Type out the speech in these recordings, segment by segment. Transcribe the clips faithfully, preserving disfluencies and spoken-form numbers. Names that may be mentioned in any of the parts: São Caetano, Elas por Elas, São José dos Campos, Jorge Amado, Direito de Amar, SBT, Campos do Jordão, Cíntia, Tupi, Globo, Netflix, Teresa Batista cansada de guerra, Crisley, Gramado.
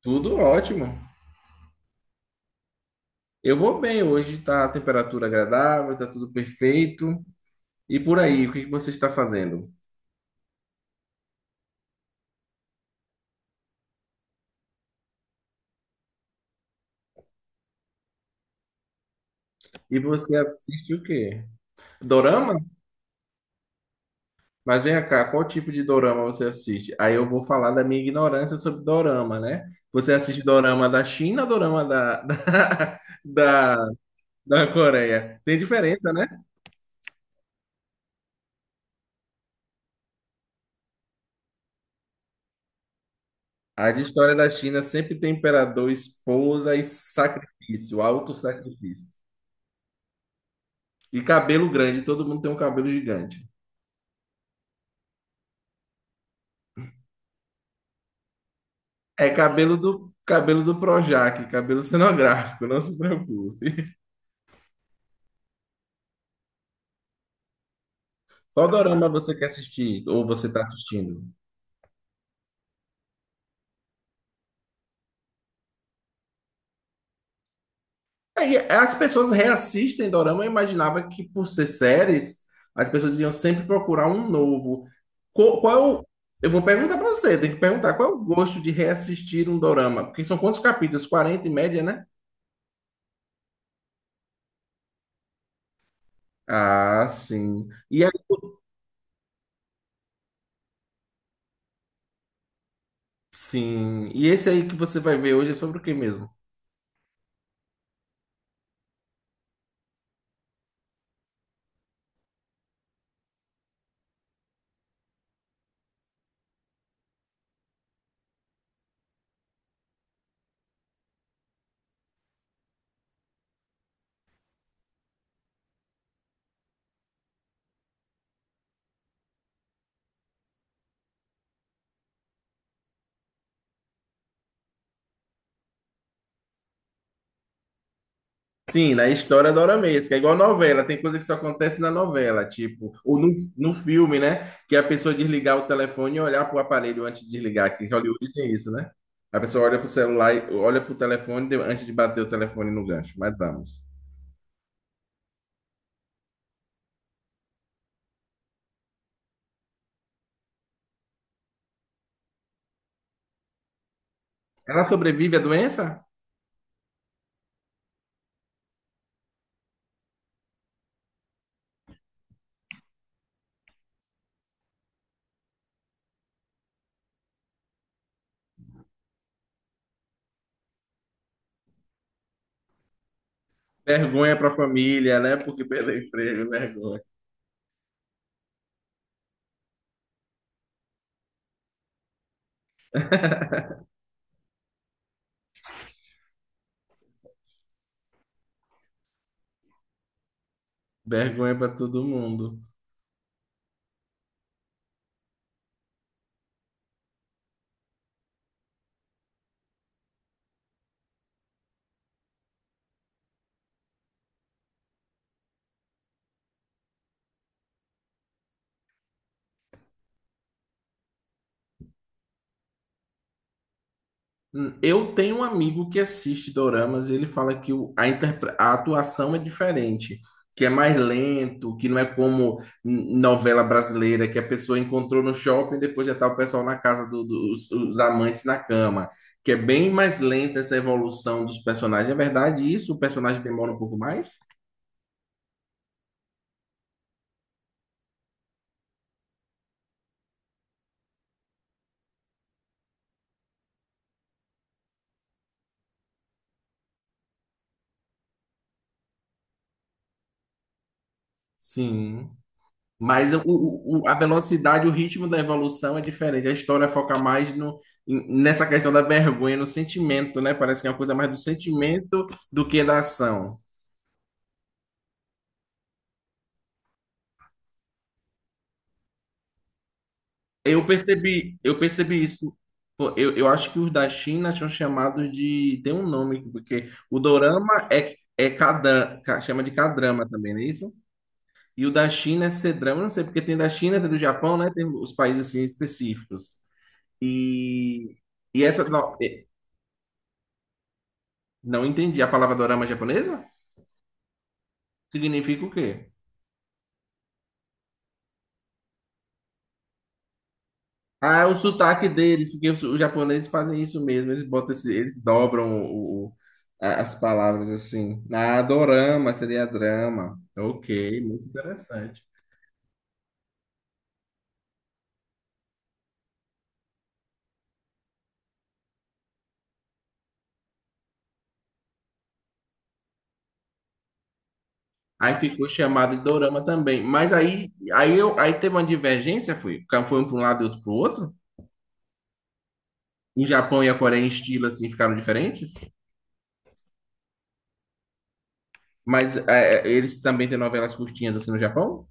Tudo ótimo. Eu vou bem hoje, está a temperatura agradável, está tudo perfeito. E por aí, o que que você está fazendo? E você assiste o quê? Dorama? Mas vem cá, qual tipo de dorama você assiste? Aí eu vou falar da minha ignorância sobre dorama, né? Você assiste dorama da China ou dorama da, da, da, da Coreia? Tem diferença, né? As histórias da China sempre tem imperador, esposa e sacrifício, alto sacrifício. E cabelo grande, todo mundo tem um cabelo gigante. É cabelo do cabelo do Projac, cabelo cenográfico, não se preocupe. Qual dorama você quer assistir ou você está assistindo? Aí, as pessoas reassistem dorama, eu imaginava que por ser séries, as pessoas iam sempre procurar um novo. Co- Qual, é o- eu vou perguntar para você, tem que perguntar qual é o gosto de reassistir um dorama? Porque são quantos capítulos? Quarenta em média, né? Ah, sim. E aí, sim. E esse aí que você vai ver hoje é sobre o que mesmo? Sim, na história doramesca, é igual novela, tem coisa que só acontece na novela, tipo, ou no, no filme, né? Que a pessoa desligar o telefone e olhar para o aparelho antes de desligar, que Hollywood tem isso, né? A pessoa olha para o celular, e olha para o telefone de- antes de bater o telefone no gancho, mas vamos. Ela sobrevive à doença? Vergonha para a família, né? Porque perdeu o emprego, vergonha. Vergonha para todo mundo. Hum, Eu tenho um amigo que assiste doramas e ele fala que o- a, interpre- a atuação é diferente, que é mais lento, que não é como hum, novela brasileira, que a pessoa encontrou no shopping e depois já tá o pessoal na casa do- dos os amantes na cama, que é bem mais lenta essa evolução dos personagens. É verdade isso? O personagem demora um pouco mais? Sim. Mas o, o- o- a velocidade, o ritmo da evolução é diferente. A história foca mais no, em- nessa questão da vergonha, no sentimento, né? Parece que é uma coisa mais do sentimento do que da ação. Eu percebi, eu percebi isso. Pô, Eu, eu acho que os da China são chamados de. Tem um nome, porque o dorama é, é K-dra- K- chama de K-drama também, não é isso? E o da China é C-drama, eu não sei, porque tem da China, tem do Japão, né? Tem os países assim específicos. E, e essa. Não, é, não entendi. A palavra dorama japonesa significa o quê? Ah, é o sotaque deles, porque os, os japoneses fazem isso mesmo. Eles botam esse- eles dobram o- o- a- as palavras assim. Ah, dorama seria drama. Ok, muito interessante. Aí ficou chamado de dorama também. Mas aí, aí, eu, aí teve uma divergência, foi? um, Foi um para um lado e outro para o outro? O Japão e a Coreia em estilo assim ficaram diferentes? Mas é, é, eles também têm novelas curtinhas assim no Japão?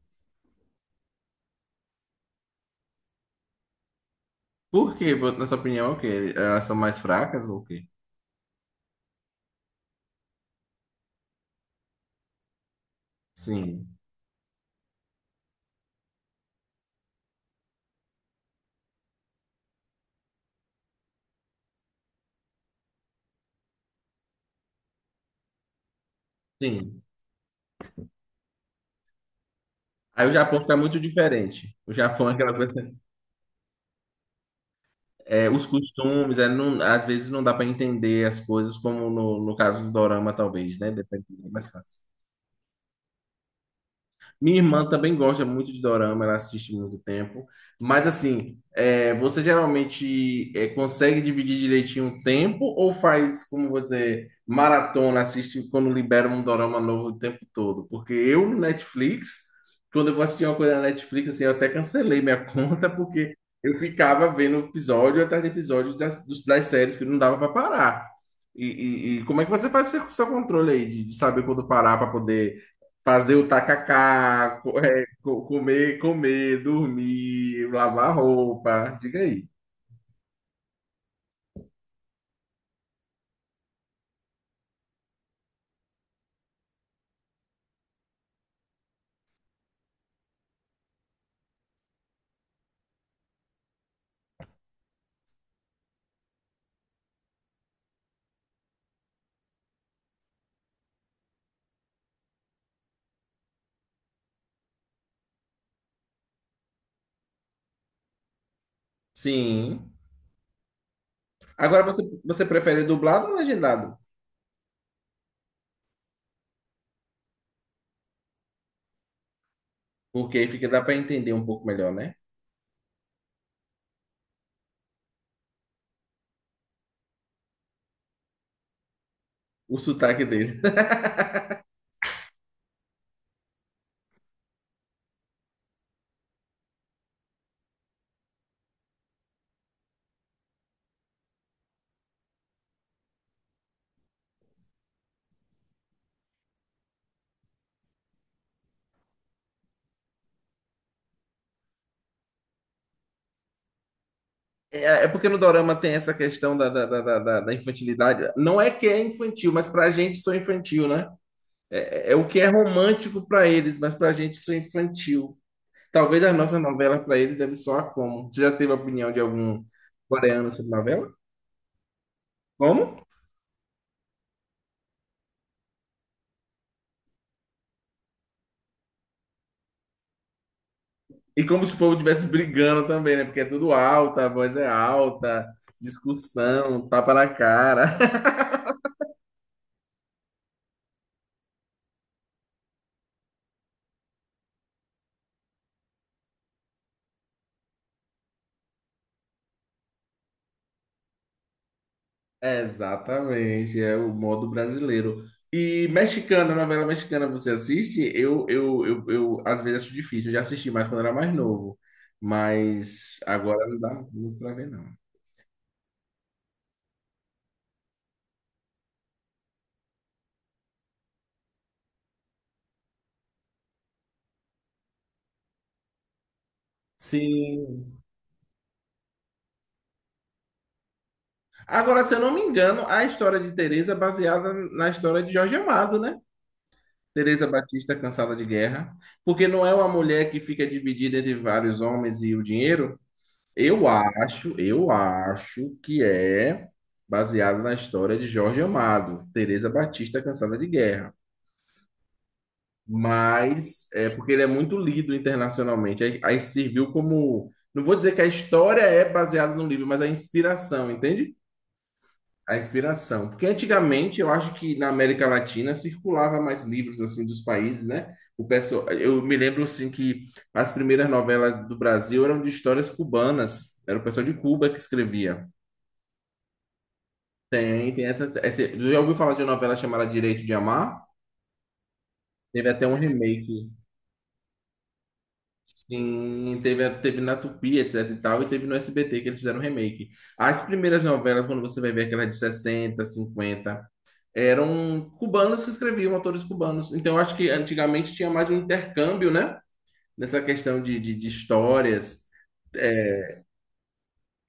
Por quê? Vo- Na sua opinião, é o quê? Elas são mais fracas ou o quê? Sim, sim. Aí o Japão fica muito diferente. O Japão é aquela coisa. É, os costumes, é, não- às vezes não dá para entender as coisas, como no, no caso do Dorama, talvez, né? Depende, é mais fácil. Minha irmã também gosta muito de dorama, ela assiste muito tempo. Mas assim, é, você geralmente é, consegue dividir direitinho o tempo ou faz como você maratona, assiste quando libera um dorama novo o tempo todo? Porque eu no Netflix, quando eu vou assistir uma coisa na Netflix, assim, eu até cancelei minha conta porque eu ficava vendo episódio atrás de episódio das, dos- das séries que não dava para parar. E, e- e como é que você faz seu, seu controle aí de, de saber quando parar para poder fazer o tacacá, co- é, co- comer, comer, dormir, lavar roupa. Diga aí. Sim. Agora você, você prefere dublado ou legendado? Porque aí fica, dá para entender um pouco melhor, né? O sotaque dele. É, é porque no Dorama tem essa questão da, da, da, da, da- da infantilidade. Não é que é infantil, mas pra gente sou infantil, né? É, é é o que é romântico pra eles, mas pra gente sou infantil. Talvez as nossas novelas pra eles deve soar como. Você já teve a opinião de algum coreano sobre novela? Como? E como se o povo estivesse brigando também, né? Porque é tudo alto, a voz é alta, discussão, tapa na cara. É, exatamente, é o modo brasileiro. E mexicana, novela mexicana, você assiste? Eu, eu, eu, eu às vezes acho difícil, eu já assisti mais quando era mais novo, mas agora não dá muito pra ver, não. Sim. Agora, se eu não me engano, a história de Tereza é baseada na história de Jorge Amado, né? Teresa Batista cansada de guerra, porque não é uma mulher que fica dividida entre vários homens e o dinheiro. Eu acho, eu acho que é baseado na história de Jorge Amado, Teresa Batista cansada de guerra. Mas é porque ele é muito lido internacionalmente. Aí, aí serviu como, não vou dizer que a história é baseada no livro, mas a inspiração, entende? A inspiração. Porque antigamente eu acho que na América Latina circulava mais livros assim dos países, né? O pessoal, eu me lembro assim que as primeiras novelas do Brasil eram de histórias cubanas, era o pessoal de Cuba que escrevia. Tem, tem essa, essa- já ouviu falar de uma novela chamada Direito de Amar? Teve até um remake. Sim, teve, teve na Tupi, etc e tal, e teve no S B T que eles fizeram um remake. As primeiras novelas, quando você vai ver aquelas de sessenta, cinquenta eram cubanos que escreviam, autores cubanos. Então, eu acho que antigamente tinha mais um intercâmbio, né? Nessa questão de, de, de histórias é,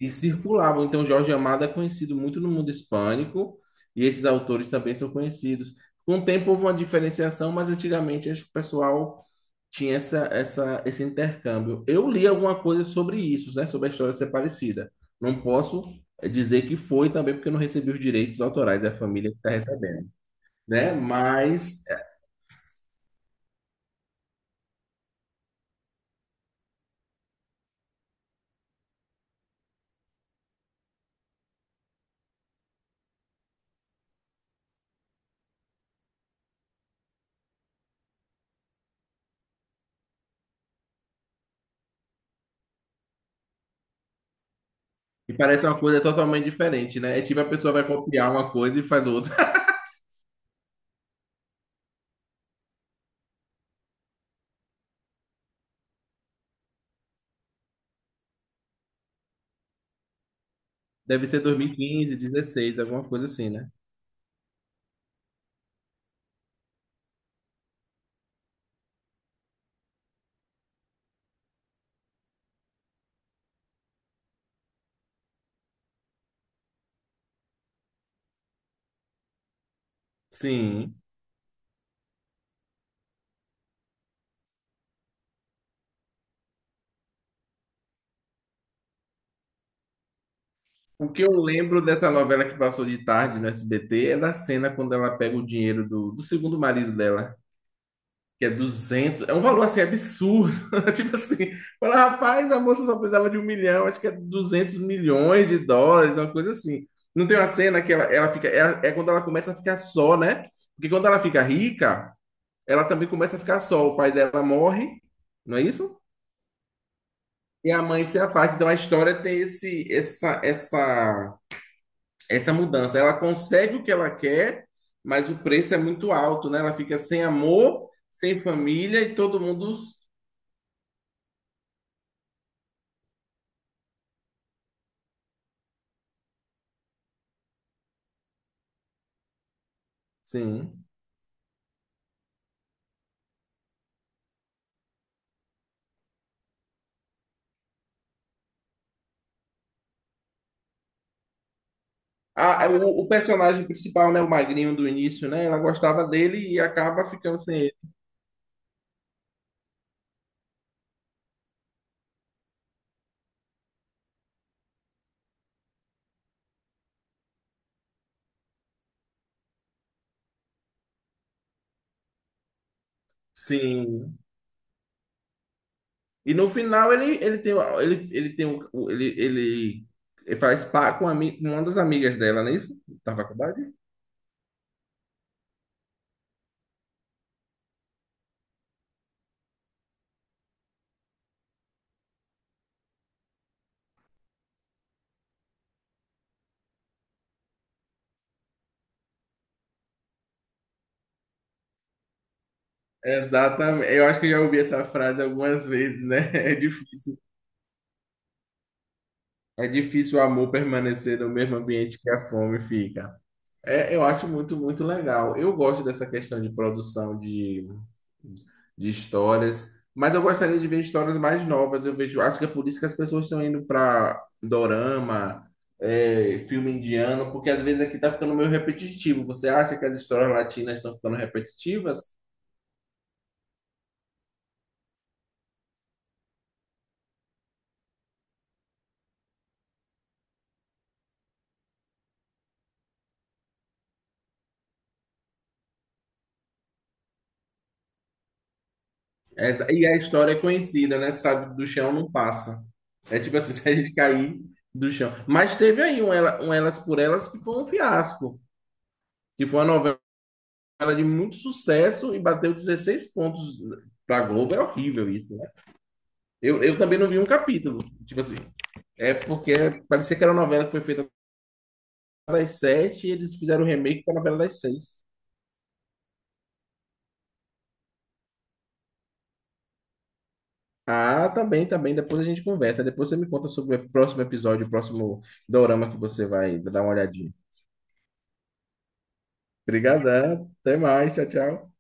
e circulavam. Então, Jorge Amado é conhecido muito no mundo hispânico e esses autores também são conhecidos. Com o tempo houve uma diferenciação, mas antigamente acho que o pessoal tinha essa, essa, esse intercâmbio. Eu li alguma coisa sobre isso, né? Sobre a história ser parecida. Não posso eh, dizer que foi também porque eu não recebi os direitos autorais, é a família que está recebendo, né? Mas E parece uma coisa totalmente diferente, né? É tipo a pessoa vai copiar uma coisa e faz outra. Deve ser dois mil e quinze, dezesseis, alguma coisa assim, né? Sim. O que eu lembro dessa novela que passou de tarde no S B T é da cena quando ela pega o dinheiro do, do segundo marido dela, que é duzentos. É um valor assim absurdo. Tipo assim, fala, rapaz, a moça só precisava de um milhão, acho que é duzentos milhões de dólares, uma coisa assim. Não tem uma cena que ela, ela fica. É, é quando ela começa a ficar só, né? Porque quando ela fica rica. Ela também começa a ficar só. O pai dela morre, não é isso? E a mãe se afasta. Então a história tem esse, essa, essa, essa mudança. Ela consegue o que ela quer, mas o preço é muito alto, né? Ela fica sem amor, sem família e todo mundo. Sim. A- a- o, o personagem principal, né? O magrinho do início, né? Ela gostava dele e acaba ficando sem ele. Sim. E no final ele, ele tem, o- ele, ele tem o, o- ele, ele, ele faz par com, a, ami- com uma das amigas dela, não é isso? Da faculdade? Exatamente. Eu acho que eu já ouvi essa frase algumas vezes, né? É difícil. É difícil o amor permanecer no mesmo ambiente que a fome fica. É, eu acho muito, muito legal. Eu gosto dessa questão de produção de, de histórias, mas eu gostaria de ver histórias mais novas. Eu vejo, acho que é por isso que as pessoas estão indo para dorama, é, filme indiano, porque às vezes aqui está ficando meio repetitivo. Você acha que as histórias latinas estão ficando repetitivas? É, e a história é conhecida, né? Sabe, do chão não passa. É tipo assim, se a gente cair do chão. Mas teve aí um, Ela- um Elas por Elas que foi um fiasco, que foi uma novela ela de muito sucesso e bateu dezesseis pontos da Globo. É horrível isso, né? Eu, eu também não vi um capítulo. Tipo assim, é porque parecia que era uma novela que foi feita das sete e eles fizeram o remake para a novela das seis. Ah, tá bem, tá bem. Depois a gente conversa. Depois você me conta sobre o próximo episódio, o próximo dorama que você vai dar uma olhadinha. Obrigadão. Até mais. Tchau, tchau.